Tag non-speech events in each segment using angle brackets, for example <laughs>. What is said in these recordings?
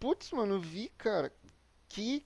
Putz, mano, vi, cara. Que,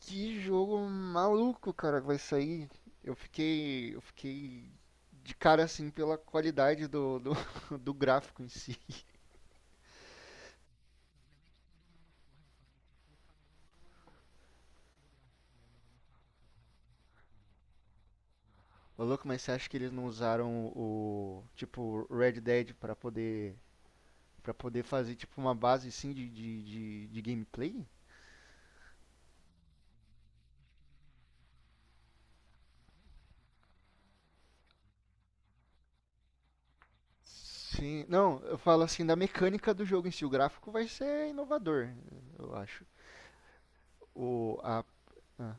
que jogo maluco, cara, que vai sair. Eu fiquei de cara assim pela qualidade <laughs> do gráfico em si. Ô, louco, mas você acha que eles não usaram o, tipo, Red Dead para poder fazer, tipo, uma base assim de gameplay? Sim, não, eu falo assim da mecânica do jogo em si. O gráfico vai ser inovador, eu acho. O, a, ah,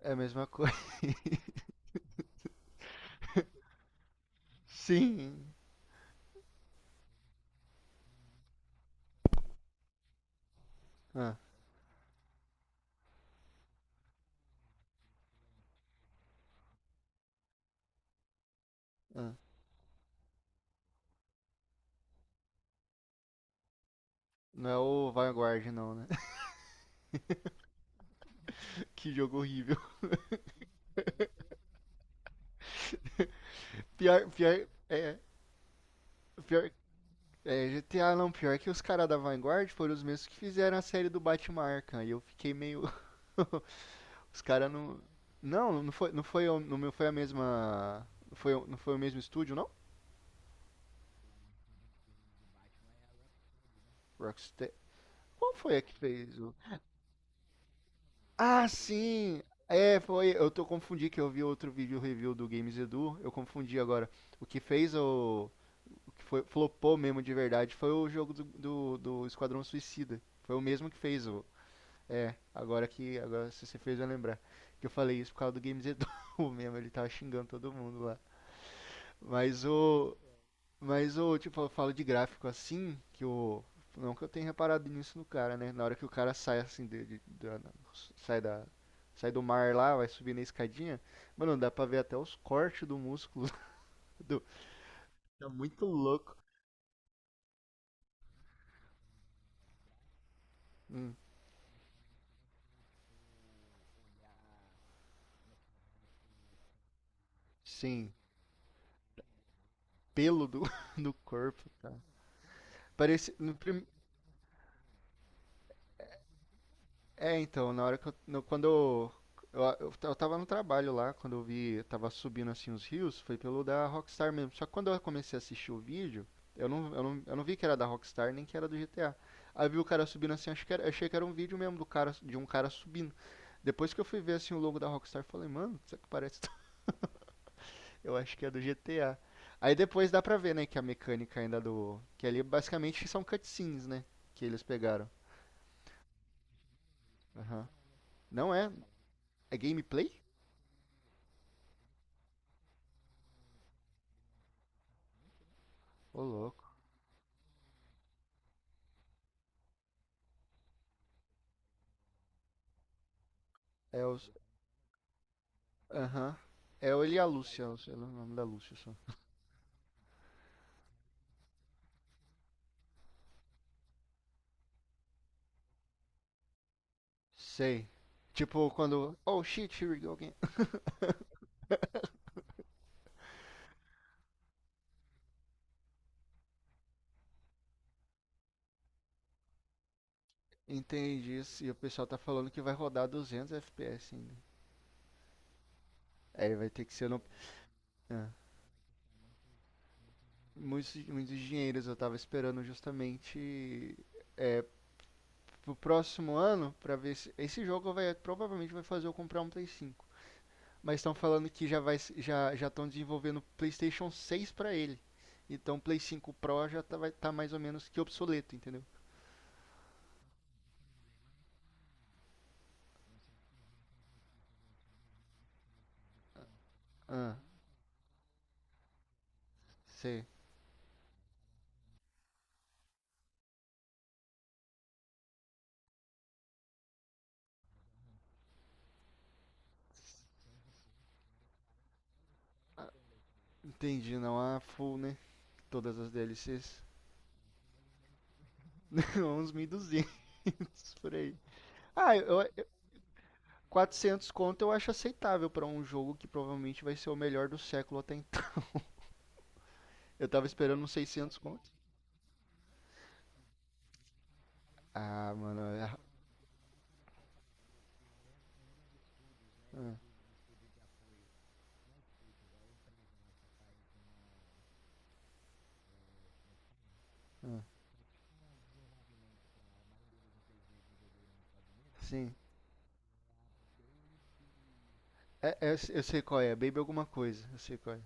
é a mesma coisa. <laughs> Sim. Ah, ah. Não é o Vanguard, não, né? <laughs> Que jogo horrível. Pior, pior, pior. É, GTA não, pior que os caras da Vanguard foram os mesmos que fizeram a série do Batman Arkham. E eu fiquei meio. <laughs> Os caras não. Não, não foi a mesma. Não foi o mesmo estúdio, não? Rockstar. Qual foi a que fez o. Ah, sim! É, foi. Eu tô confundi que eu vi outro vídeo review do Games Edu. Eu confundi agora. O que fez o. Que foi, flopou mesmo de verdade, foi o jogo do Esquadrão Suicida. Foi o mesmo que fez o. É, agora que. Agora se você fez eu lembrar. Que eu falei isso por causa do Games Edu <laughs> mesmo, ele tava xingando todo mundo lá. Mas o. Mas o, tipo, eu falo de gráfico assim, que o. Não que eu tenha reparado nisso no cara, né? Na hora que o cara sai assim, sai da. Sai do mar lá, vai subir na escadinha. Mano, dá pra ver até os cortes do músculo. <laughs> Do. Tá muito louco. Hum, sim. Pelo <laughs> do corpo, cara. Parecia. No prim- É, então, na hora que eu. Quando eu tava no trabalho lá, quando eu vi. Eu tava subindo assim os rios, foi pelo da Rockstar mesmo. Só que quando eu comecei a assistir o vídeo, eu não vi que era da Rockstar nem que era do GTA. Aí eu vi o cara subindo assim, acho que era, achei que era um vídeo mesmo do cara, de um cara subindo. Depois que eu fui ver assim o logo da Rockstar, eu falei, mano, isso aqui parece. <laughs> Eu acho que é do GTA. Aí depois dá pra ver, né, que a mecânica ainda do. Que ali basicamente são cutscenes, né? Que eles pegaram. Aham. Não é? É gameplay? Ô, louco. É o. Aham. Ele e a Lúcia, eu sei o nome da Lúcia só. Sei. Tipo, quando. Oh shit, here we go again. <laughs> Entendi isso. E o pessoal tá falando que vai rodar 200 FPS ainda. Aí vai ter que ser no. Ah. Muitos, muitos dinheiros eu tava esperando justamente pro próximo ano pra ver se. Esse jogo vai provavelmente vai fazer eu comprar um Play 5. Mas estão falando que já vai já já estão desenvolvendo PlayStation 6 para ele. Então o Play 5 Pro já tá, vai tá mais ou menos que obsoleto, entendeu? Ah, sei. Ah, entendi, não full, né? Todas as DLCs. <laughs> Uns 1.200 por aí. Ah, 400 conto eu acho aceitável pra um jogo que provavelmente vai ser o melhor do século até então. Eu tava esperando uns 600 conto. Ah, mano, é, sim. É, é, eu sei qual é, Baby alguma coisa, eu sei qual é.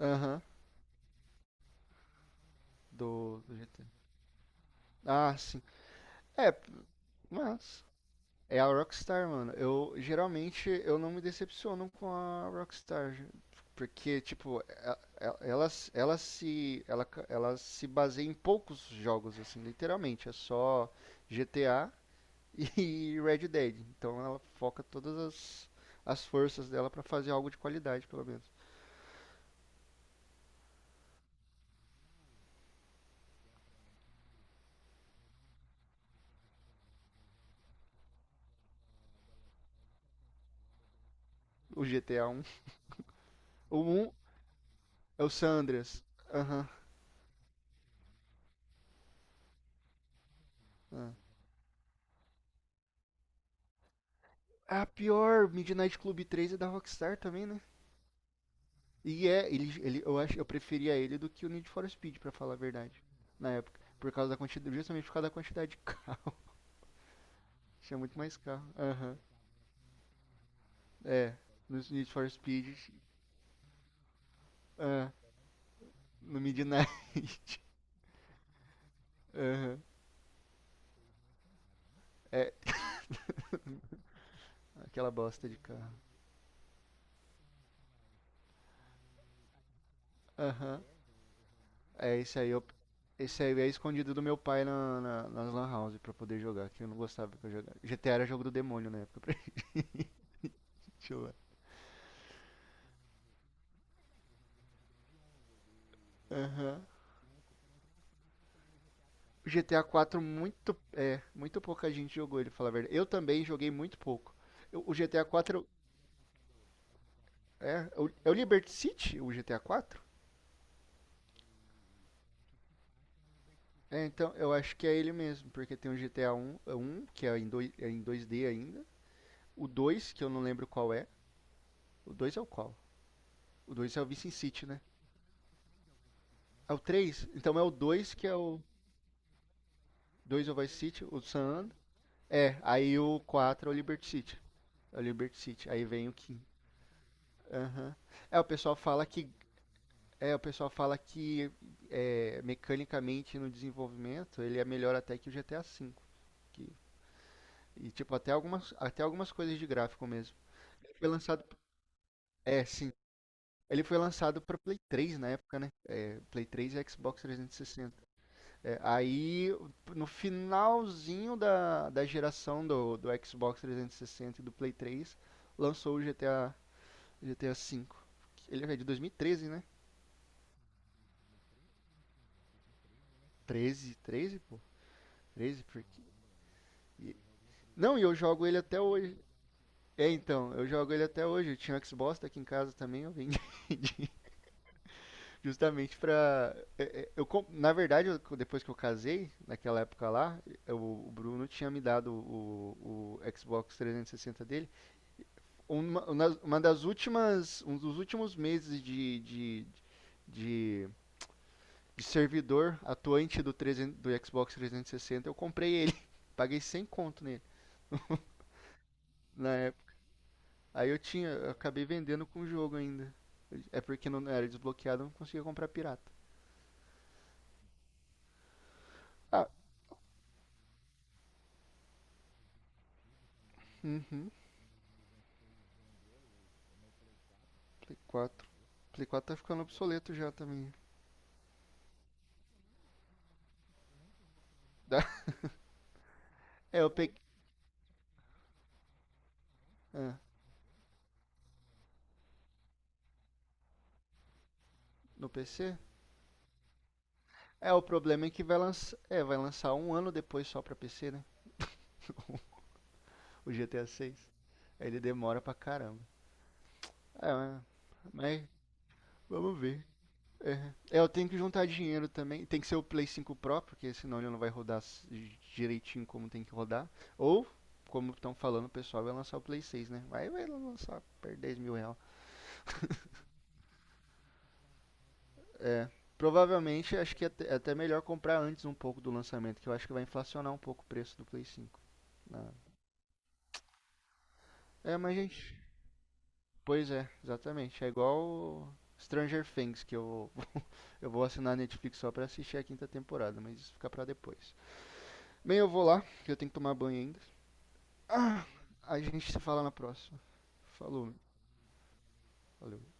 Aham, do GTA. Ah, sim. É, mas é a Rockstar, mano. Eu geralmente eu não me decepciono com a Rockstar, porque tipo, e- ela, ela se baseia em poucos jogos assim, literalmente, é só GTA e <laughs> Red Dead. Então ela foca todas as as forças dela pra fazer algo de qualidade, pelo menos. O GTA um, o um é o San Andreas. Aham. Aham. Ah, pior, Midnight Club 3 é da Rockstar também, né? E é, eu acho, eu preferia ele do que o Need for Speed, pra falar a verdade, na época, por causa da quantidade, justamente por causa da quantidade de carro. <laughs> Tinha muito mais carro. Aham. É, no Need for Speed, ah, no Midnight. <laughs> Aham. É, aquela bosta de carro. Aham. É, esse aí é escondido do meu pai nas lan house pra poder jogar, que eu não gostava que eu jogava. GTA era jogo do demônio na época pra <laughs> gente jogar. Aham. O GTA 4 muito, é, muito pouca gente jogou ele, fala a verdade. Eu também joguei muito pouco. O GTA 4 é o Liberty City, o GTA 4? É, então eu acho que é ele mesmo, porque tem o GTA 1, é um, que é em, dois é em 2D ainda, o 2 que eu não lembro qual é. O 2 é o qual? O 2 é o Vice City, né? É o três. Então é o 2 que é o 2 é o Vice City, o San Andreas. É, aí o 4 é o Liberty City. É o Liberty City. Aí vem o 5. Aham. É, o pessoal fala que É, o pessoal fala que é, mecanicamente no desenvolvimento ele é melhor até que o GTA V. que- e tipo, até algumas coisas de gráfico mesmo. Ele foi lançado. É, sim. Ele foi lançado para Play 3 na época, né? É, Play 3 e Xbox 360. É, aí, no finalzinho da geração do Xbox 360 e sessenta e do Play 3, lançou o GTA V. Ele é de 2013, né? 13, 13, pô? 13, porque. Não, e eu jogo ele até hoje. É, então, eu jogo ele até hoje. Eu tinha um Xbox aqui em casa também, eu vendi <laughs> justamente pra. É, é, na verdade, depois que eu casei, naquela época lá, eu- o Bruno tinha me dado o Xbox 360 dele. Um dos últimos meses de, de servidor atuante do, 300 do Xbox 360, eu comprei ele. <laughs> Paguei 100 conto nele. Na época. Aí eu tinha, eu acabei vendendo com o jogo ainda. É porque não era desbloqueado, eu não conseguia comprar pirata. Ah, uhum, Play 4. Play 4 tá ficando obsoleto já também. Dá- <laughs> É, eu peguei. Ah, no PC? É, o problema é que vai lançar. É, vai lançar um ano depois só pra PC, né? O GTA 6. Aí ele demora pra caramba. É, mas. Vamos ver. É. É, eu tenho que juntar dinheiro também. Tem que ser o Play 5 Pro, porque senão ele não vai rodar direitinho como tem que rodar. Ou, como estão falando, o pessoal vai lançar o Play 6, né? Vai lançar por 10 mil reais. É. Provavelmente, acho que é até, melhor comprar antes um pouco do lançamento, que eu acho que vai inflacionar um pouco o preço do Play 5. na- É, mas gente. Pois é, exatamente. É igual o Stranger Things, que <laughs> eu vou assinar a Netflix só pra assistir a quinta temporada, mas isso fica pra depois. Bem, eu vou lá, que eu tenho que tomar banho ainda. Ah, a gente se fala na próxima. Falou, valeu.